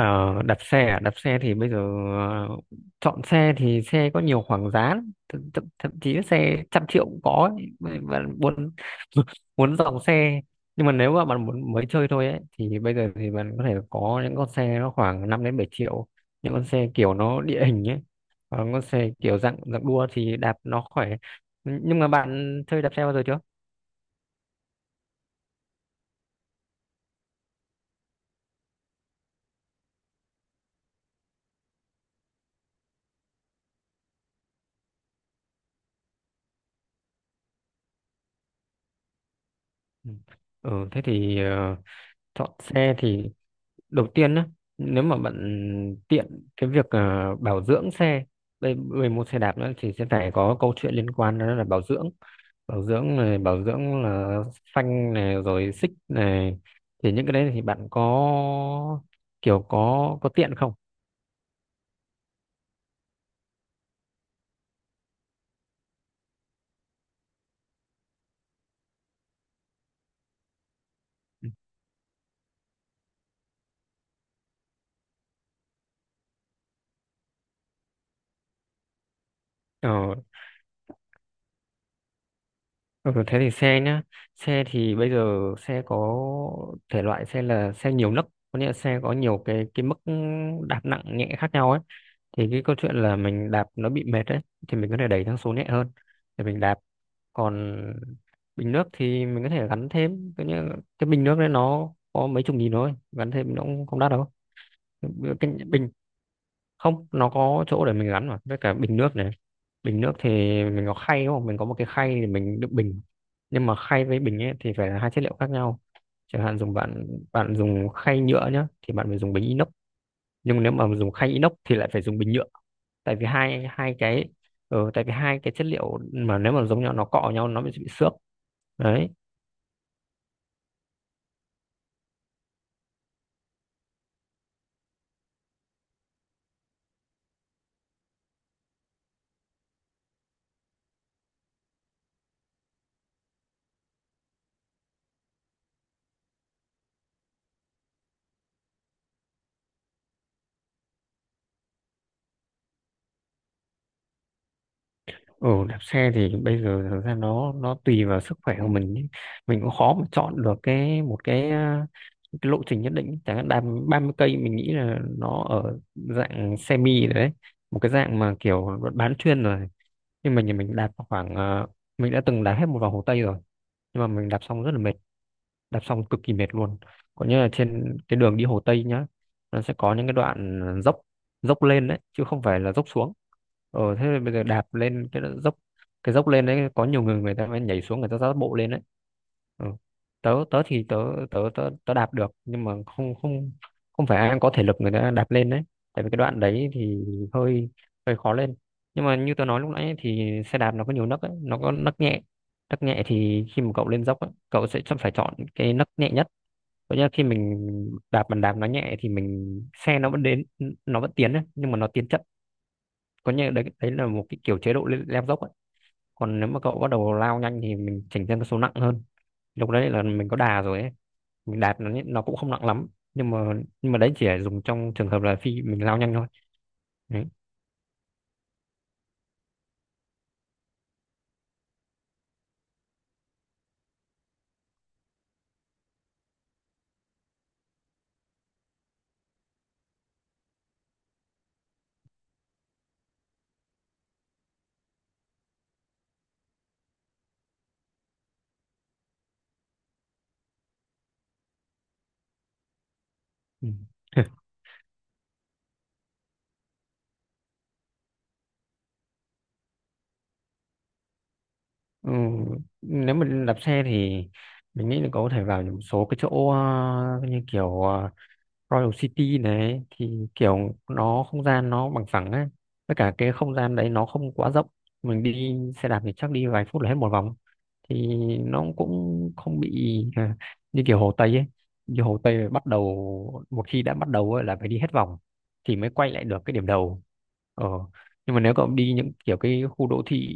Ờ, đặt xe à? Đặt xe thì bây giờ ờ, chọn xe thì xe có nhiều khoảng giá lắm. Thậm chí xe trăm triệu cũng có ấy. Mà muốn muốn dòng xe, nhưng mà nếu mà bạn muốn mới chơi thôi ấy thì bây giờ thì bạn có thể có những con xe nó khoảng 5 đến 7 triệu, những con xe kiểu nó địa hình ấy. Còn con xe kiểu dạng dạng đua thì đạp nó khỏe. Nhưng mà bạn chơi đạp xe bao giờ chưa? Ừ, ừ, thế thì chọn xe thì đầu tiên á, nếu mà bạn tiện cái việc bảo dưỡng xe, đây người mua xe đạp nữa thì sẽ phải có câu chuyện liên quan đó là bảo dưỡng. Bảo dưỡng này, bảo dưỡng là phanh này rồi xích này, thì những cái đấy thì bạn có kiểu có tiện không? Ờ, ừ, thế thì xe nhá, xe thì bây giờ xe có thể loại xe là xe nhiều nấc, có nghĩa là xe có nhiều cái mức đạp nặng nhẹ khác nhau ấy. Thì cái câu chuyện là mình đạp nó bị mệt đấy thì mình có thể đẩy sang số nhẹ hơn để mình đạp. Còn bình nước thì mình có thể gắn thêm cái, như, cái bình nước đấy nó có mấy chục nghìn thôi, gắn thêm nó cũng không đắt đâu. Cái bình, không, nó có chỗ để mình gắn mà, với cả bình nước này. Bình nước thì mình có khay đúng không, mình có một cái khay để mình đựng bình. Nhưng mà khay với bình ấy thì phải là hai chất liệu khác nhau. Chẳng hạn dùng, bạn bạn dùng khay nhựa nhá thì bạn phải dùng bình inox, nhưng nếu mà dùng khay inox thì lại phải dùng bình nhựa. Tại vì hai hai cái, ừ, tại vì hai cái chất liệu mà nếu mà giống nhau nó cọ nhau nó bị xước đấy. Ừ, đạp xe thì bây giờ thực ra nó tùy vào sức khỏe của mình ý. Mình cũng khó mà chọn được cái một cái, à, cái lộ trình nhất định, chẳng hạn đạp 30 cây mình nghĩ là nó ở dạng semi rồi đấy, một cái dạng mà kiểu bán chuyên rồi. Nhưng mà nhà mình đạp khoảng à, mình đã từng đạp hết một vòng Hồ Tây rồi, nhưng mà mình đạp xong rất là mệt, đạp xong cực kỳ mệt luôn. Có như là trên cái đường đi Hồ Tây nhá, nó sẽ có những cái đoạn dốc, dốc lên đấy chứ không phải là dốc xuống. Ờ thế bây giờ đạp lên cái đoạn dốc, cái dốc lên đấy có nhiều người, người ta mới nhảy xuống người ta dắt bộ lên đấy. Ừ. tớ tớ thì tớ tớ tớ tớ đạp được, nhưng mà không không không phải ai cũng có thể lực người ta đạp lên đấy, tại vì cái đoạn đấy thì hơi, khó lên. Nhưng mà như tớ nói lúc nãy ấy, thì xe đạp nó có nhiều nấc ấy, nó có nấc nhẹ. Nấc nhẹ thì khi mà cậu lên dốc á, cậu sẽ chọn- phải chọn cái nấc nhẹ nhất, có nghĩa là khi mình đạp bàn đạp nó nhẹ thì mình xe nó vẫn đến, nó vẫn tiến ấy, nhưng mà nó tiến chậm. Có nghĩa là đấy, đấy là một cái kiểu chế độ leo leo dốc ấy. Còn nếu mà cậu bắt đầu lao nhanh thì mình chỉnh sang cái số nặng hơn, lúc đấy là mình có đà rồi ấy. Mình đạp nó cũng không nặng lắm, nhưng mà nhưng mà đấy chỉ là dùng trong trường hợp là khi mình lao nhanh thôi, đấy. Ừ. Ừ, nếu mà đạp xe thì mình nghĩ là cậu có thể vào những số cái chỗ như kiểu Royal City này, thì kiểu nó không gian nó bằng phẳng á, với cả cái không gian đấy nó không quá rộng, mình đi xe đạp thì chắc đi vài phút là hết một vòng. Thì nó cũng không bị à, như kiểu Hồ Tây ấy. Như Hồ Tây là bắt đầu một khi đã bắt đầu ấy, là phải đi hết vòng thì mới quay lại được cái điểm đầu. Ờ, nhưng mà nếu cậu đi những kiểu cái khu đô thị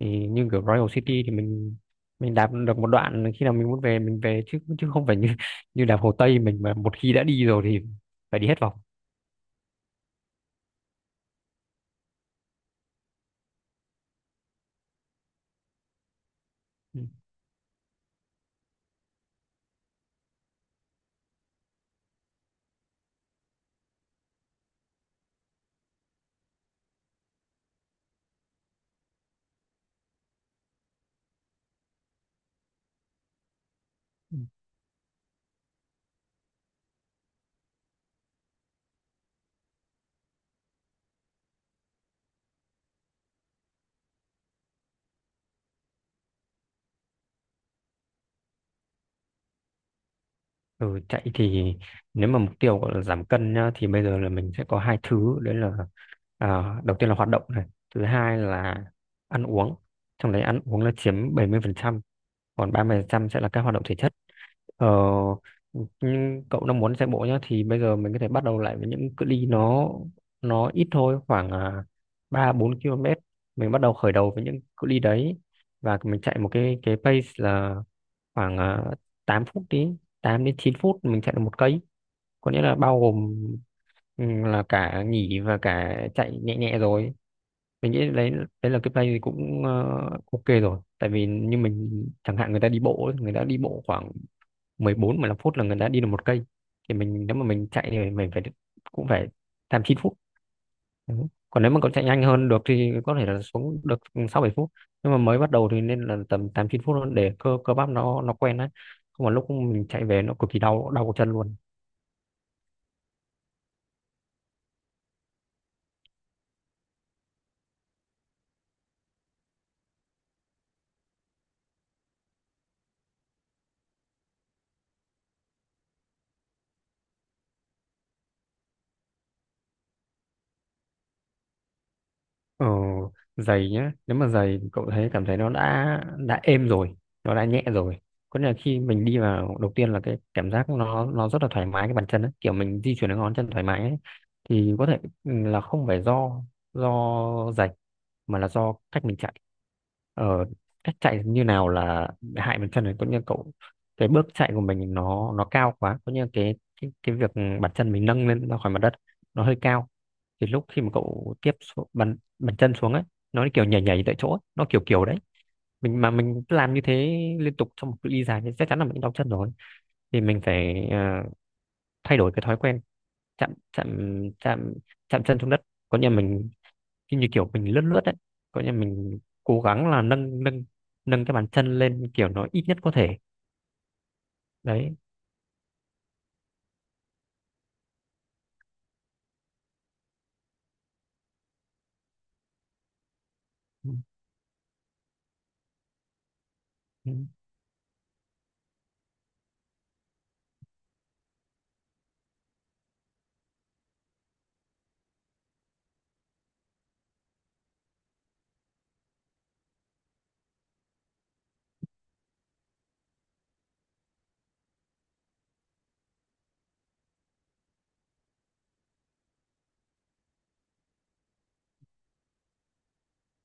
thì như kiểu Royal City thì mình đạp được một đoạn, khi nào mình muốn về mình về, chứ chứ không phải như như đạp Hồ Tây mình mà một khi đã đi rồi thì phải đi hết vòng. Ừ. Ừ. Ừ, chạy thì nếu mà mục tiêu gọi là giảm cân nhá, thì bây giờ là mình sẽ có hai thứ đấy là à, đầu tiên là hoạt động này, thứ hai là ăn uống. Trong đấy ăn uống là chiếm bảy mươi phần trăm, còn 30% sẽ là các hoạt động thể chất. ờ, nhưng cậu đang muốn chạy bộ nhá thì bây giờ mình có thể bắt đầu lại với những cự ly nó ít thôi, khoảng à, 3 4 km, mình bắt đầu khởi đầu với những cự ly đấy. Và mình chạy một cái pace là khoảng à, 8 phút, đi 8 đến 9 phút mình chạy được một cây, có nghĩa là bao gồm, ừ, là cả nghỉ và cả chạy nhẹ nhẹ rồi. Mình nghĩ đấy, đấy là cái play thì cũng ok rồi, tại vì như mình chẳng hạn, người ta đi bộ ấy, người ta đi bộ khoảng mười bốn mười lăm phút là người ta đi được một cây. Thì mình nếu mà mình chạy thì mình phải cũng phải tám chín phút. Đấy. Còn nếu mà còn chạy nhanh hơn được thì có thể là xuống được 6 7 phút, nhưng mà mới bắt đầu thì nên là tầm 8 9 phút hơn để cơ cơ bắp nó quen đấy, không mà lúc mình chạy về nó cực kỳ đau, đau cổ chân luôn. Ờ, giày nhá, nếu mà giày cậu thấy cảm thấy nó đã êm rồi, nó đã nhẹ rồi, có nghĩa là khi mình đi vào đầu tiên là cái cảm giác nó rất là thoải mái cái bàn chân ấy, kiểu mình di chuyển cái ngón chân thoải mái ấy. Thì có thể ừ, là không phải do giày mà là do cách mình chạy. Ờ, cách chạy như nào là hại bàn chân này, có nghĩa là cậu cái bước chạy của mình nó cao quá, có nghĩa là cái cái việc bàn chân mình nâng lên ra khỏi mặt đất nó hơi cao, thì lúc khi mà cậu tiếp xúc mặt chân xuống ấy, nó kiểu nhảy nhảy tại chỗ ấy, nó kiểu kiểu đấy mình mà mình cứ làm như thế liên tục trong một cự ly dài thì chắc chắn là mình đau chân rồi. Thì mình phải thay đổi cái thói quen chạm chạm chạm chạm chân xuống đất, có nghĩa là mình như như kiểu mình lướt lướt đấy, có nghĩa là mình cố gắng là nâng nâng nâng cái bàn chân lên kiểu nó ít nhất có thể, đấy. Ừ.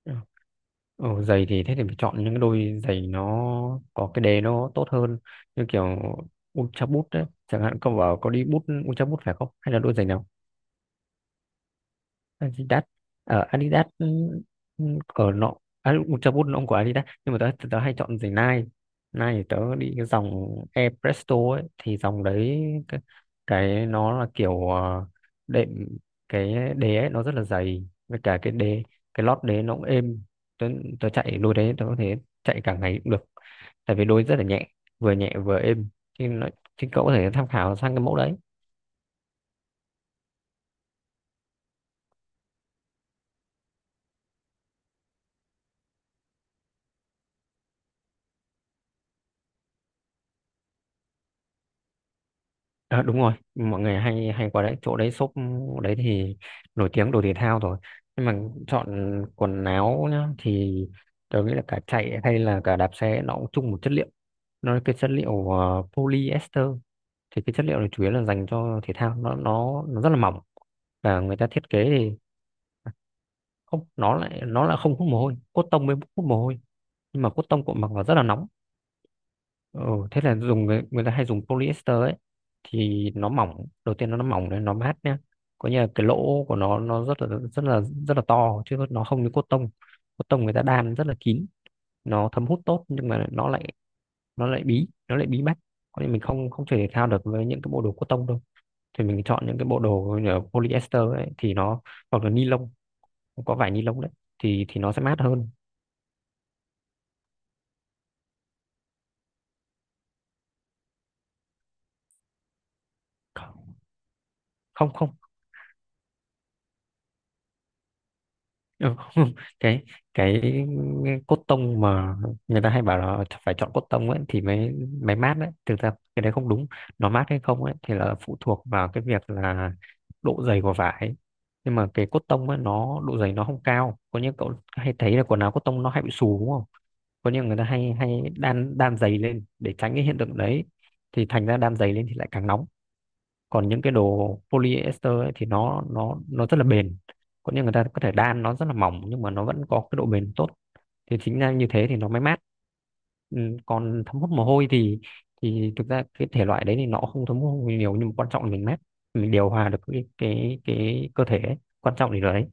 Ừ. Ồ, giày thì thế thì phải chọn những cái đôi giày nó có cái đế nó tốt hơn, như kiểu Ultra Boost đấy chẳng hạn. Cậu bảo có đi bút Ultra Boost phải không hay là đôi giày nào? Adidas. Ở Adidas, ừ, ừ, ở nọ, à, cho bút nó không của Adidas. Nhưng mà tớ tớ hay chọn giày Nike. Nike thì tớ đi cái dòng Air Presto ấy, thì dòng đấy cái, cái nó là kiểu đệm cái đế ấy, nó rất là dày, với cả cái đế, cái lót đế nó cũng êm. tớ, Tớ chạy đôi đấy tớ có thể chạy cả ngày cũng được, tại vì đôi rất là nhẹ, vừa nhẹ vừa êm. thì, nó, thì cậu có thể tham khảo sang cái mẫu đấy. Ờ, đúng rồi, mọi người hay hay qua đấy, chỗ đấy shop đấy thì nổi tiếng đồ thể thao rồi. Nhưng mà chọn quần áo nhá thì tôi nghĩ là cả chạy hay là cả đạp xe nó cũng chung một chất liệu, nó là cái chất liệu polyester. Thì cái chất liệu này chủ yếu là dành cho thể thao, nó rất là mỏng, và người ta thiết kế thì không, nó lại không hút mồ hôi, cotton mới hút mồ hôi, nhưng mà cotton cũng mặc vào rất là nóng. Ồ, thế là dùng người ta hay dùng polyester ấy, thì nó mỏng, đầu tiên nó mỏng đấy, nó mát nhá, có nghĩa là cái lỗ của nó rất là rất là rất là to Chứ nó không như cốt tông. Cốt tông người ta đan rất là kín, nó thấm hút tốt nhưng mà nó lại bí, nó lại bí mắt. Có nên mình không không chơi thể thao được với những cái bộ đồ cốt tông đâu. Thì mình chọn những cái bộ đồ như là polyester ấy, thì nó hoặc là ni lông, có vải ni lông đấy, thì nó sẽ mát hơn. Không, không, không. Ừ, cái cái cốt tông mà người ta hay bảo là phải chọn cốt tông ấy thì mới mới mát đấy, thực ra cái đấy không đúng. Nó mát hay không ấy thì là phụ thuộc vào cái việc là độ dày của vải. Nhưng mà cái cốt tông ấy nó độ dày nó không cao, có những cậu hay thấy là quần áo cốt tông nó hay bị xù đúng không, có những người ta hay hay đan, đan dày lên để tránh cái hiện tượng đấy. Thì thành ra đan dày lên thì lại càng nóng. Còn những cái đồ polyester ấy, thì nó rất là bền, có những người ta có thể đan nó rất là mỏng nhưng mà nó vẫn có cái độ bền tốt. Thì chính ra như thế thì nó mới mát. Ừ, còn thấm hút mồ hôi thì thực ra cái thể loại đấy thì nó không thấm hút mồ hôi nhiều, nhưng mà quan trọng là mình mát, mình điều hòa được cái cơ thể ấy. Quan trọng thì là đấy.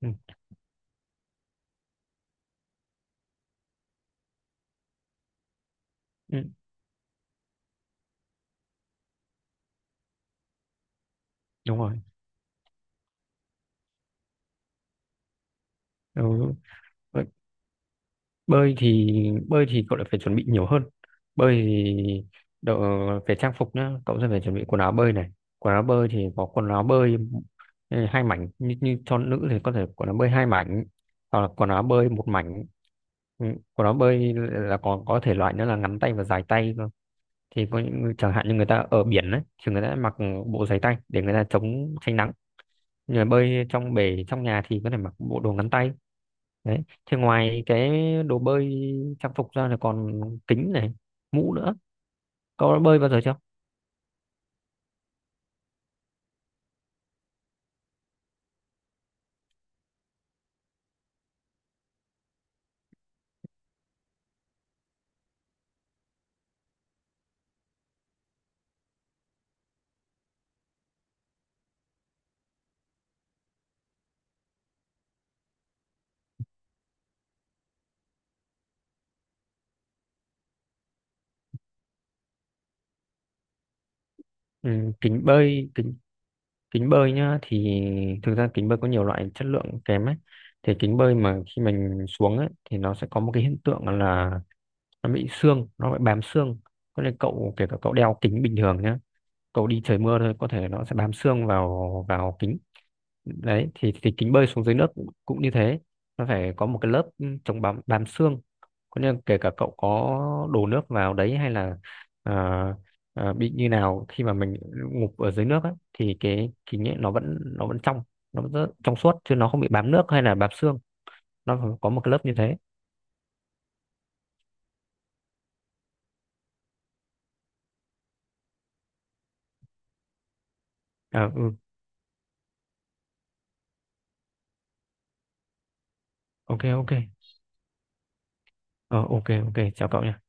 Ừ, ừ, đúng rồi. Ừ. Ừ. bơi thì bơi thì cậu lại phải chuẩn bị nhiều hơn. Bơi thì đợ, về trang phục nhá, cậu sẽ phải chuẩn bị quần áo bơi này. Quần áo bơi, ừ, hai mảnh, như cho nữ thì có thể quần áo bơi hai mảnh hoặc là quần áo bơi một mảnh. Ừ, quần áo bơi là còn có thể loại nữa là ngắn tay và dài tay cơ. Thì có những chẳng hạn như người ta ở biển đấy thì người ta mặc bộ giày tay để người ta chống tránh nắng. Người bơi trong bể trong nhà thì có thể mặc bộ đồ ngắn tay. Đấy thì ngoài cái đồ bơi trang phục ra là còn kính này, mũ nữa. Có bơi bao giờ chưa? Ừ, kính bơi, kính kính bơi nhá, thì thực ra kính bơi có nhiều loại chất lượng kém ấy. Thì kính bơi mà khi mình xuống ấy thì nó sẽ có một cái hiện tượng là nó bị xương, nó bị bám xương. Có nên cậu kể cả cậu đeo kính bình thường nhá, cậu đi trời mưa thôi có thể nó sẽ bám xương vào vào kính. Đấy thì kính bơi xuống dưới nước cũng, cũng như thế. Nó phải có một cái lớp, ừ, chống bám, xương có nghĩa là kể cả cậu có đổ nước vào đấy hay là ờ, ờ, bị như nào khi mà mình ngụp ở dưới nước ấy, thì cái kính ấy nó vẫn trong, nó vẫn rất trong suốt chứ nó không bị bám nước hay là bám xương. Nó có một cái lớp như thế. À, ừ, ok ok. Ờ, ok ok, chào cậu nhé.